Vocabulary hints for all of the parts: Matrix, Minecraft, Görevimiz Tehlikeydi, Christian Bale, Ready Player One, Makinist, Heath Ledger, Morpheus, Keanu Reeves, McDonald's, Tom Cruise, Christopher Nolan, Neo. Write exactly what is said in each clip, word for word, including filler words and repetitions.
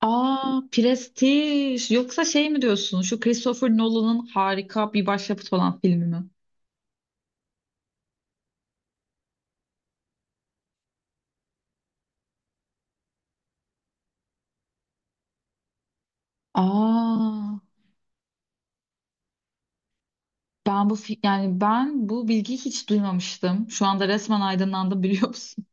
Aa, Prestij. Yoksa şey mi diyorsun? Şu Christopher Nolan'ın harika bir başyapıt olan filmi mi? Aa, ben bu fi- yani ben bu bilgiyi hiç duymamıştım. Şu anda resmen aydınlandım biliyor musun?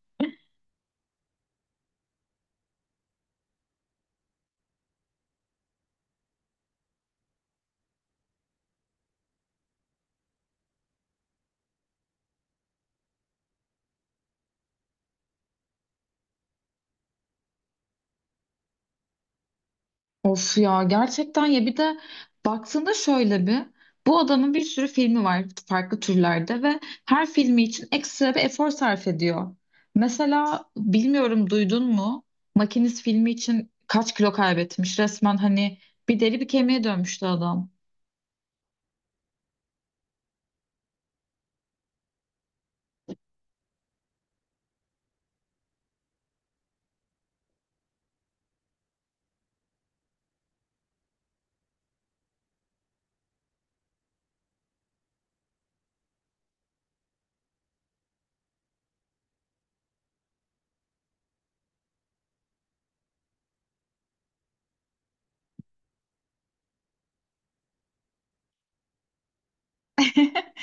Of ya gerçekten ya bir de baktığında şöyle bir bu adamın bir sürü filmi var farklı türlerde ve her filmi için ekstra bir efor sarf ediyor. Mesela bilmiyorum duydun mu Makinist filmi için kaç kilo kaybetmiş resmen hani bir deri bir kemiğe dönmüştü adam.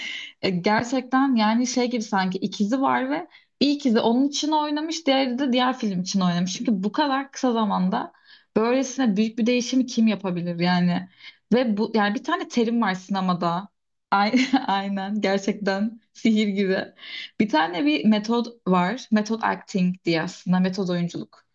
E, Gerçekten yani şey gibi sanki ikizi var ve bir ikizi onun için oynamış, diğeri de diğer film için oynamış. Çünkü bu kadar kısa zamanda böylesine büyük bir değişimi kim yapabilir yani? Ve bu yani bir tane terim var sinemada. Ay- Aynen gerçekten sihir gibi. Bir tane bir metod var. Metod acting diye aslında metod oyunculuk.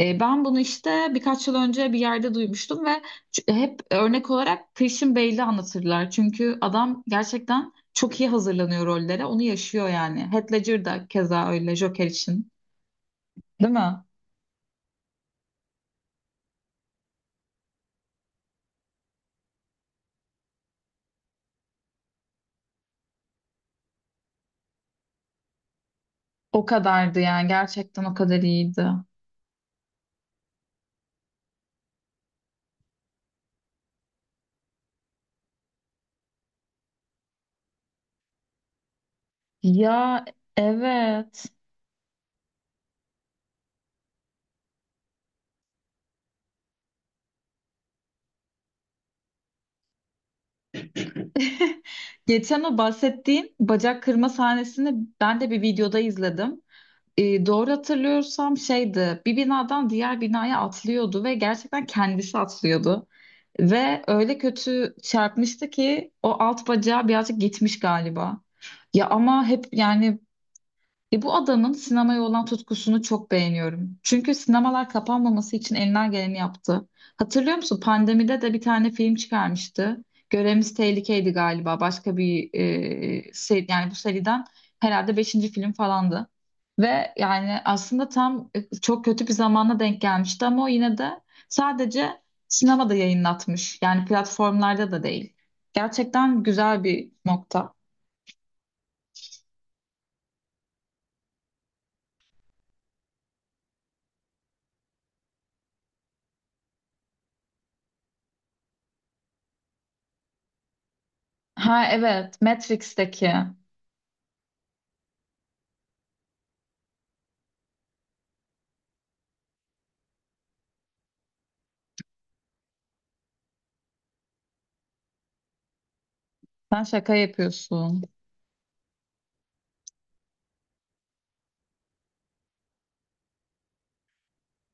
E, ben bunu işte birkaç yıl önce bir yerde duymuştum ve Ç- hep örnek olarak Christian Bale'i anlatırlar. Çünkü adam gerçekten çok iyi hazırlanıyor rollere. Onu yaşıyor yani. Heath Ledger da keza öyle Joker için. Değil mi? O kadardı yani. Gerçekten o kadar iyiydi. Ya, evet. Geçen o bahsettiğin bacak kırma sahnesini ben de bir videoda izledim. E, doğru hatırlıyorsam şeydi, bir binadan diğer binaya atlıyordu ve gerçekten kendisi atlıyordu. Ve öyle kötü çarpmıştı ki o alt bacağı birazcık gitmiş galiba. Ya ama hep yani e bu adamın sinemaya olan tutkusunu çok beğeniyorum. Çünkü sinemalar kapanmaması için elinden geleni yaptı. Hatırlıyor musun? Pandemide de bir tane film çıkarmıştı. Görevimiz Tehlikeydi galiba. Başka bir e, seri, yani bu seriden herhalde beşinci film falandı. Ve yani aslında tam e, çok kötü bir zamana denk gelmişti ama o yine de sadece sinemada yayınlatmış. Yani platformlarda da değil. Gerçekten güzel bir nokta. Ha, evet, Matrix'teki. Sen şaka yapıyorsun.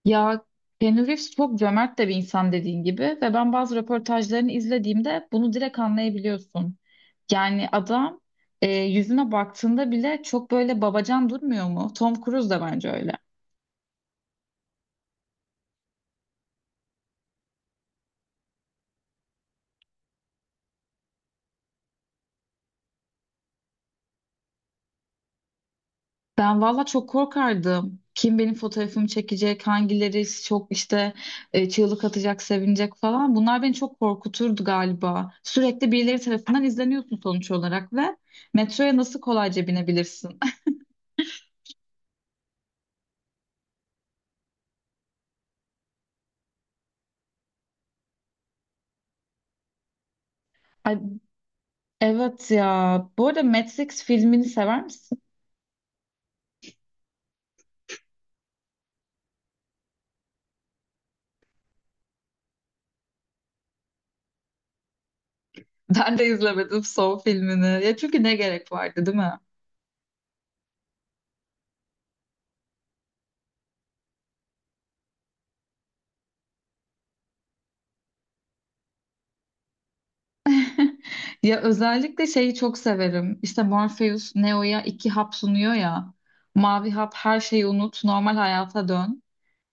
Ya, Keanu Reeves çok cömert de bir insan dediğin gibi ve ben bazı röportajlarını izlediğimde bunu direkt anlayabiliyorsun. Yani adam e, yüzüne baktığında bile çok böyle babacan durmuyor mu? Tom Cruise da bence öyle. Ben valla çok korkardım. Kim benim fotoğrafımı çekecek, hangileri çok işte e, çığlık atacak, sevinecek falan. Bunlar beni çok korkuturdu galiba. Sürekli birileri tarafından izleniyorsun sonuç olarak ve metroya nasıl kolayca binebilirsin? Ay, evet ya. Bu arada Matrix filmini sever misin? Ben de izlemedim son filmini. Ya çünkü ne gerek vardı, değil mi? Ya özellikle şeyi çok severim. İşte Morpheus Neo'ya iki hap sunuyor ya. Mavi hap her şeyi unut, normal hayata dön.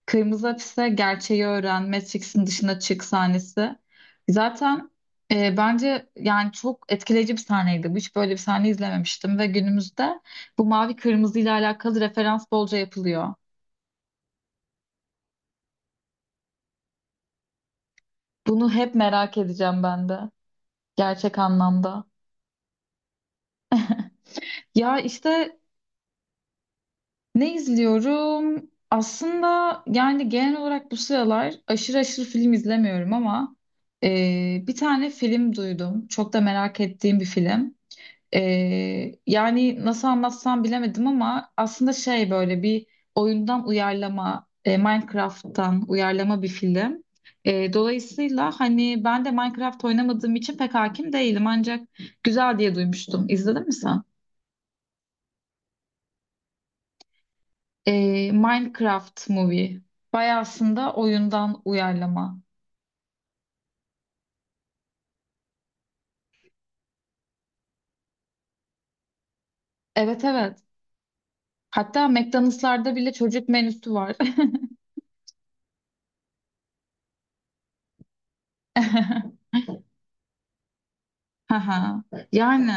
Kırmızı Hapis'te gerçeği öğren, Matrix'in dışına çık sahnesi. Zaten e, bence yani çok etkileyici bir sahneydi. Hiç böyle bir sahne izlememiştim ve günümüzde bu mavi kırmızı ile alakalı referans bolca yapılıyor. Bunu hep merak edeceğim ben de gerçek anlamda. Ya işte ne izliyorum? Aslında yani genel olarak bu sıralar aşırı aşırı film izlemiyorum ama e, bir tane film duydum. Çok da merak ettiğim bir film. Ee, yani nasıl anlatsam bilemedim ama aslında şey böyle bir oyundan uyarlama, e, Minecraft'tan uyarlama bir film. E, dolayısıyla hani ben de Minecraft oynamadığım için pek hakim değilim ancak güzel diye duymuştum. İzledin mi sen? E, Minecraft Movie. Bayağı aslında oyundan uyarlama. Evet, evet. Hatta McDonald's'larda bile çocuk menüsü var. Haha. Yani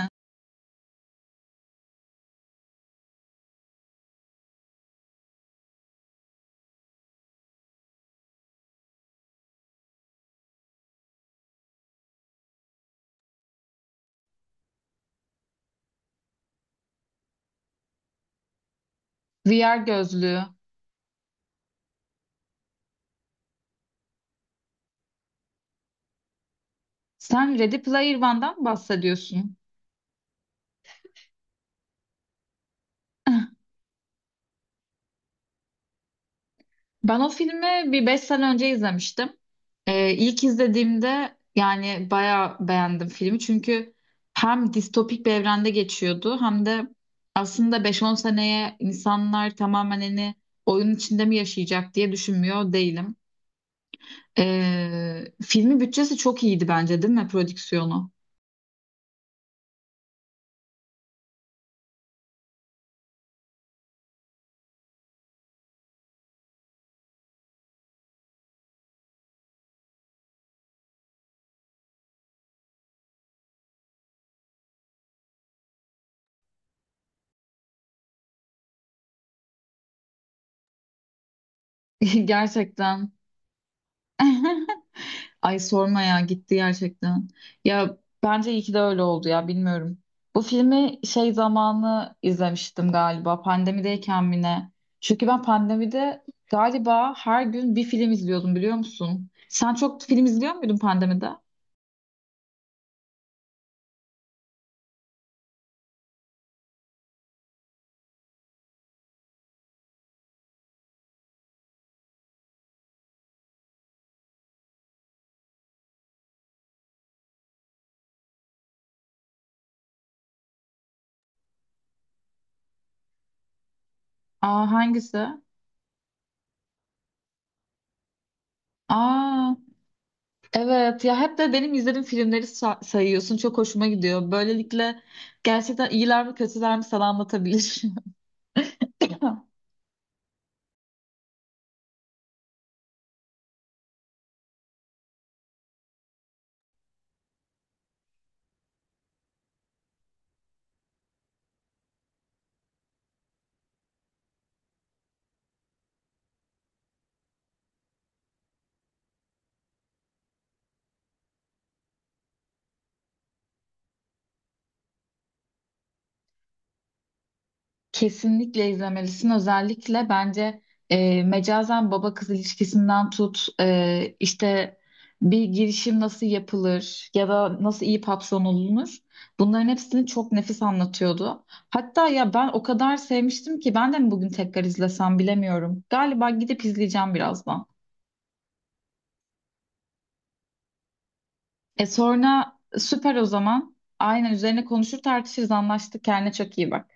V R gözlüğü. Sen Ready Player One'dan bahsediyorsun. Ben o filmi bir beş sene önce izlemiştim. Ee, ilk izlediğimde yani bayağı beğendim filmi. Çünkü hem distopik bir evrende geçiyordu hem de aslında beş on seneye insanlar tamamen hani oyun içinde mi yaşayacak diye düşünmüyor değilim. Ee, filmin bütçesi çok iyiydi bence, değil mi, prodüksiyonu? Gerçekten. Ay, sorma ya, gitti gerçekten. Ya bence iyi ki de öyle oldu ya, bilmiyorum. Bu filmi şey zamanı izlemiştim galiba, pandemideyken mi ne? Çünkü ben pandemide galiba her gün bir film izliyordum, biliyor musun? Sen çok film izliyor muydun pandemide? Aa, hangisi? Aa, evet ya, hep de benim izlediğim filmleri sa- sayıyorsun. Çok hoşuma gidiyor. Böylelikle gerçekten iyiler mi kötüler mi sana anlatabilir. Kesinlikle izlemelisin. Özellikle bence e, mecazen baba kız ilişkisinden tut e, işte bir girişim nasıl yapılır ya da nasıl iyi papson olunur. Bunların hepsini çok nefis anlatıyordu. Hatta ya ben o kadar sevmiştim ki ben de mi bugün tekrar izlesem bilemiyorum. Galiba gidip izleyeceğim birazdan. E sonra süper o zaman. Aynen, üzerine konuşur tartışırız, anlaştık. Kendine çok iyi bak.